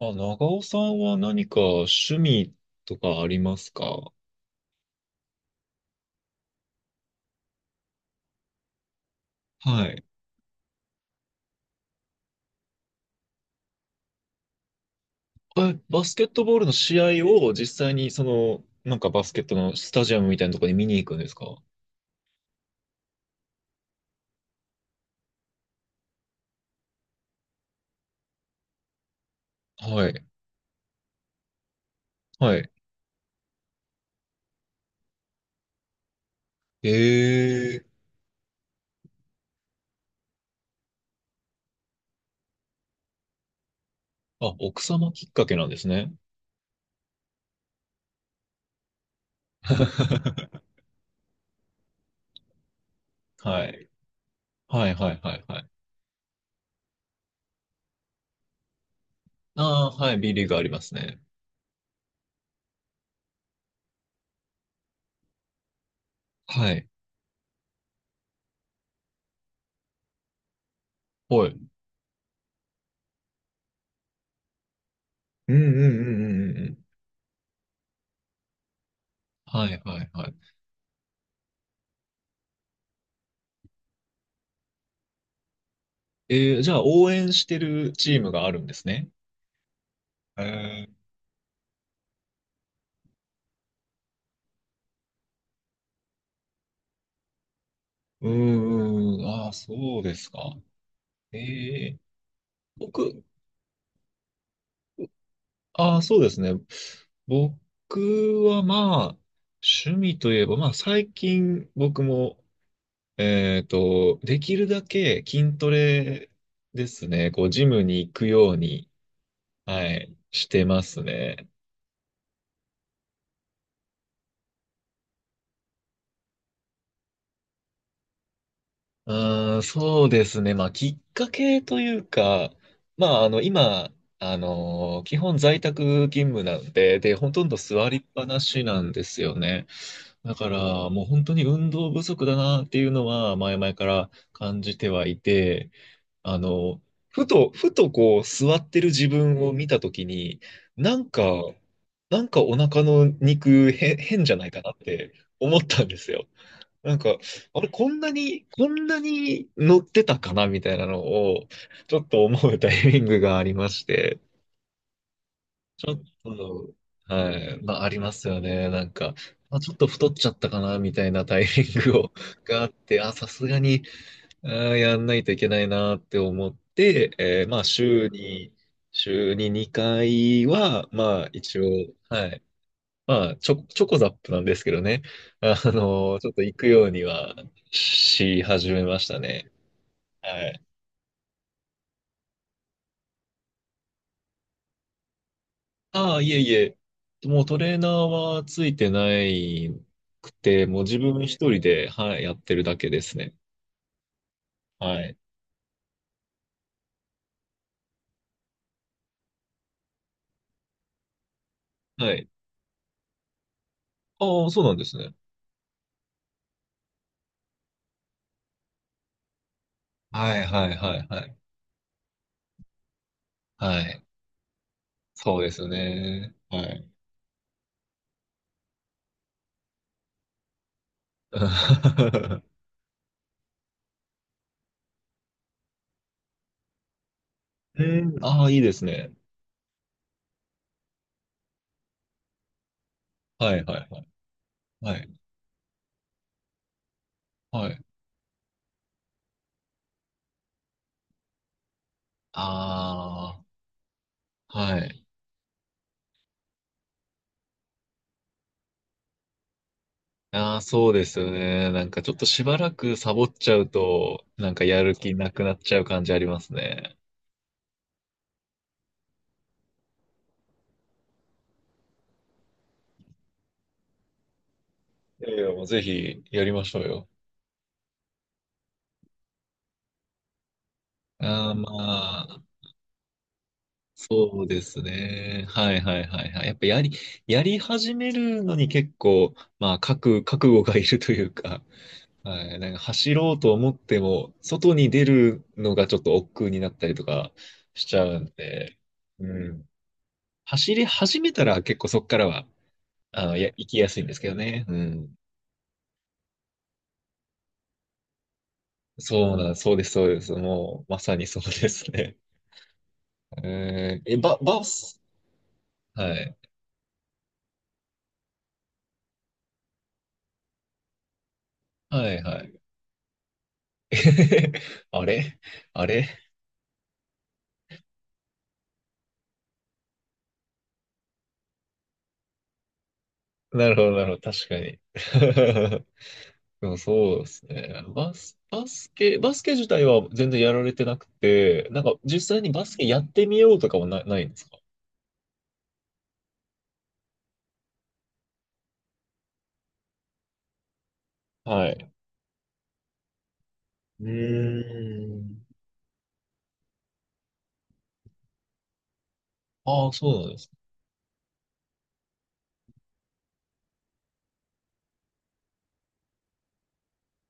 あ、長尾さんは何か趣味とかありますか？はい。え、バスケットボールの試合を実際にその、なんかバスケットのスタジアムみたいなところに見に行くんですか？はい。はい。ええ。あ、奥様きっかけなんですね。はい。はい、はい、はい、はい。ああ、はい、B リーグありますね。はい。はい。うん、うん、うん、うん、うんうん。はい、はい、はい。じゃあ応援してるチームがあるんですね。えー。うーん、ああ、そうですか。ええ、僕、ああ、そうですね。僕はまあ、趣味といえば、まあ最近僕も、できるだけ筋トレですね。こう、ジムに行くように、はい、してますね。うーん、そうですね。まあ、きっかけというか、まあ、今、基本在宅勤務なんで、で、ほとんど座りっぱなしなんですよね。だからもう本当に運動不足だなっていうのは前々から感じてはいて、あの、ふとこう座ってる自分を見たときに、なんか、なんかお腹の肉へ変じゃないかなって思ったんですよ。なんか、あれ、こんなに、こんなに乗ってたかなみたいなのを、ちょっと思うタイミングがありまして。ちょっと、はい、まあ、ありますよね。なんか、まあ、ちょっと太っちゃったかな、みたいなタイミングを があって、あ、さすがに、あー、やんないといけないなって思って、まあ、週に2回は、まあ、一応、はい。まあ、チョコザップなんですけどね。ちょっと行くようにはし始めましたね。はい。ああ、いえいえ。もうトレーナーはついてないくて、もう自分一人で、はい、やってるだけですね。はい。はい。ああ、そうなんですね。はい、はい、はい、はい。はい。そうですね。はい。えー、ああ、いいですね。はい、はい、はい。はい、はい。ああ、はい。ああ、そうですよね。なんかちょっとしばらくサボっちゃうと、なんかやる気なくなっちゃう感じありますね。いやいや、もうぜひやりましょうよ。ああ、まあ、そうですね。はいはいはいはい。やっぱやり、やり始めるのに結構、まあ、覚悟がいるというか、はい、なんか走ろうと思っても、外に出るのがちょっと億劫になったりとかしちゃうんで、うん。走り始めたら結構そっからは、行きやすいんですけどね。うん。そうなん、そうです、そうです。もう、まさにそうですね。えー、え、ば、バス。はい。はいはい あれあれなるほど。確かに。でもそうですね。バスケ自体は全然やられてなくて、なんか実際にバスケやってみようとかもないんですか？はい。うーん。ああ、そうなんですね。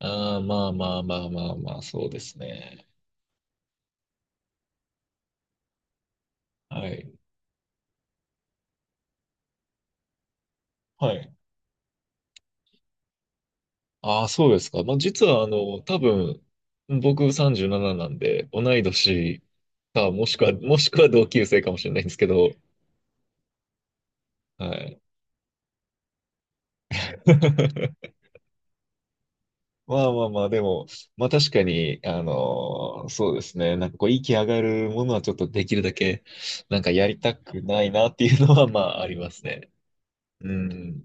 ああ、まあまあまあまあまあ、そうですね。はい。はい。ああ、そうですか。まあ実は多分、僕37なんで、同い年か、もしくは同級生かもしれないんですけど、はい。 まあまあまあ、でも、まあ確かに、そうですね。なんかこう、息上がるものはちょっとできるだけ、なんかやりたくないなっていうのは、まあありますね。うん。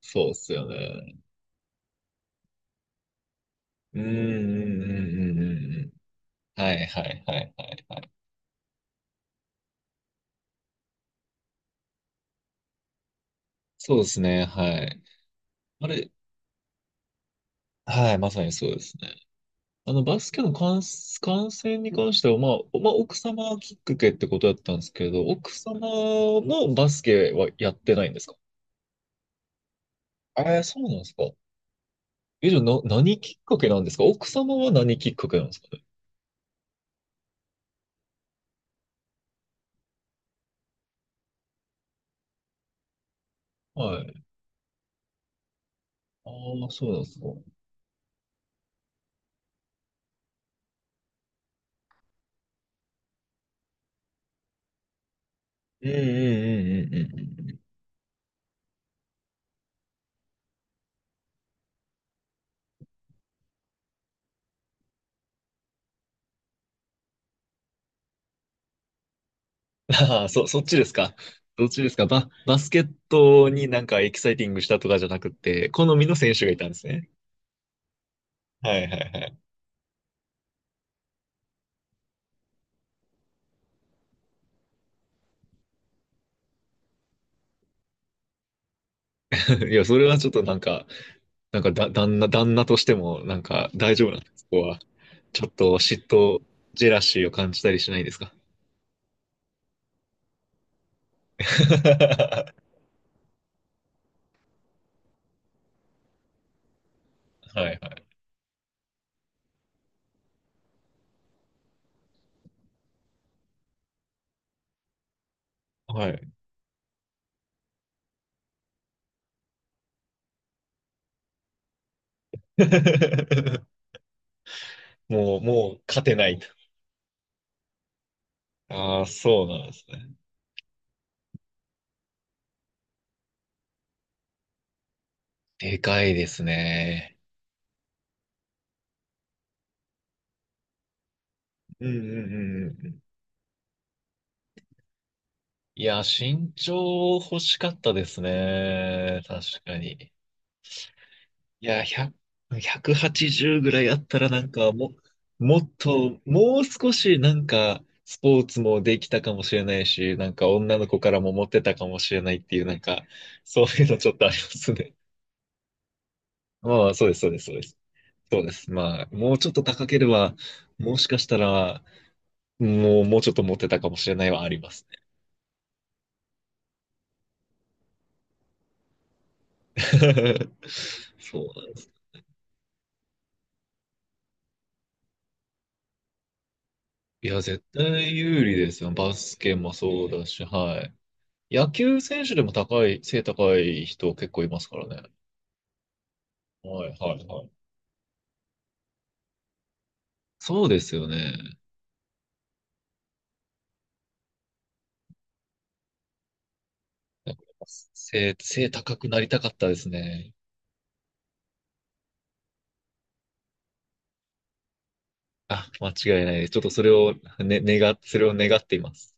そうっすよね。うん、うん、うん、うん、うんうん。はい、はい、はい、はい、はい。そうですね、はい。あれ、はい、まさにそうですね。バスケの観戦に関しては、まあ、奥様きっかけってことだったんですけど、奥様もバスケはやってないんですか？えー、そうなんですか。え、じゃあ、何きっかけなんですか？奥様は何きっかけなんですかね？はい。ああ、そうなんですか。うんうんうんうんうんうん。あ、 あ、そっちですか。どっちですか？バスケットになんかエキサイティングしたとかじゃなくて、好みの選手がいたんですね。はいはいはい。いや、それはちょっとなんか、なんかだ、旦那、旦那としても、なんか大丈夫なんですかそこは。ちょっと嫉妬、ジェラシーを感じたりしないですか？ はいはい。はい。もう勝てないと。ああ、そうなんですね。でかいですね。うんうんうんうんうん。いや、身長欲しかったですね。確かに。いや、100、180ぐらいあったらなんかも、もっと、もう少しなんか、スポーツもできたかもしれないし、なんか女の子からもモテたかもしれないっていう、なんか、そういうのちょっとありますね。まあまあ、そうです、そうです、そうです。そうです。まあ、もうちょっと高ければ、もしかしたら、もうちょっと持ってたかもしれないはありますね。そうなんです。いや、絶対有利ですよ。バスケもそうだし、はい。野球選手でも背高い人結構いますからね。はい、はい、はい。そうですよね。やっぱ背高くなりたかったですね。あ、間違いないです。ちょっとそれを、ね、願っ、それを願っています。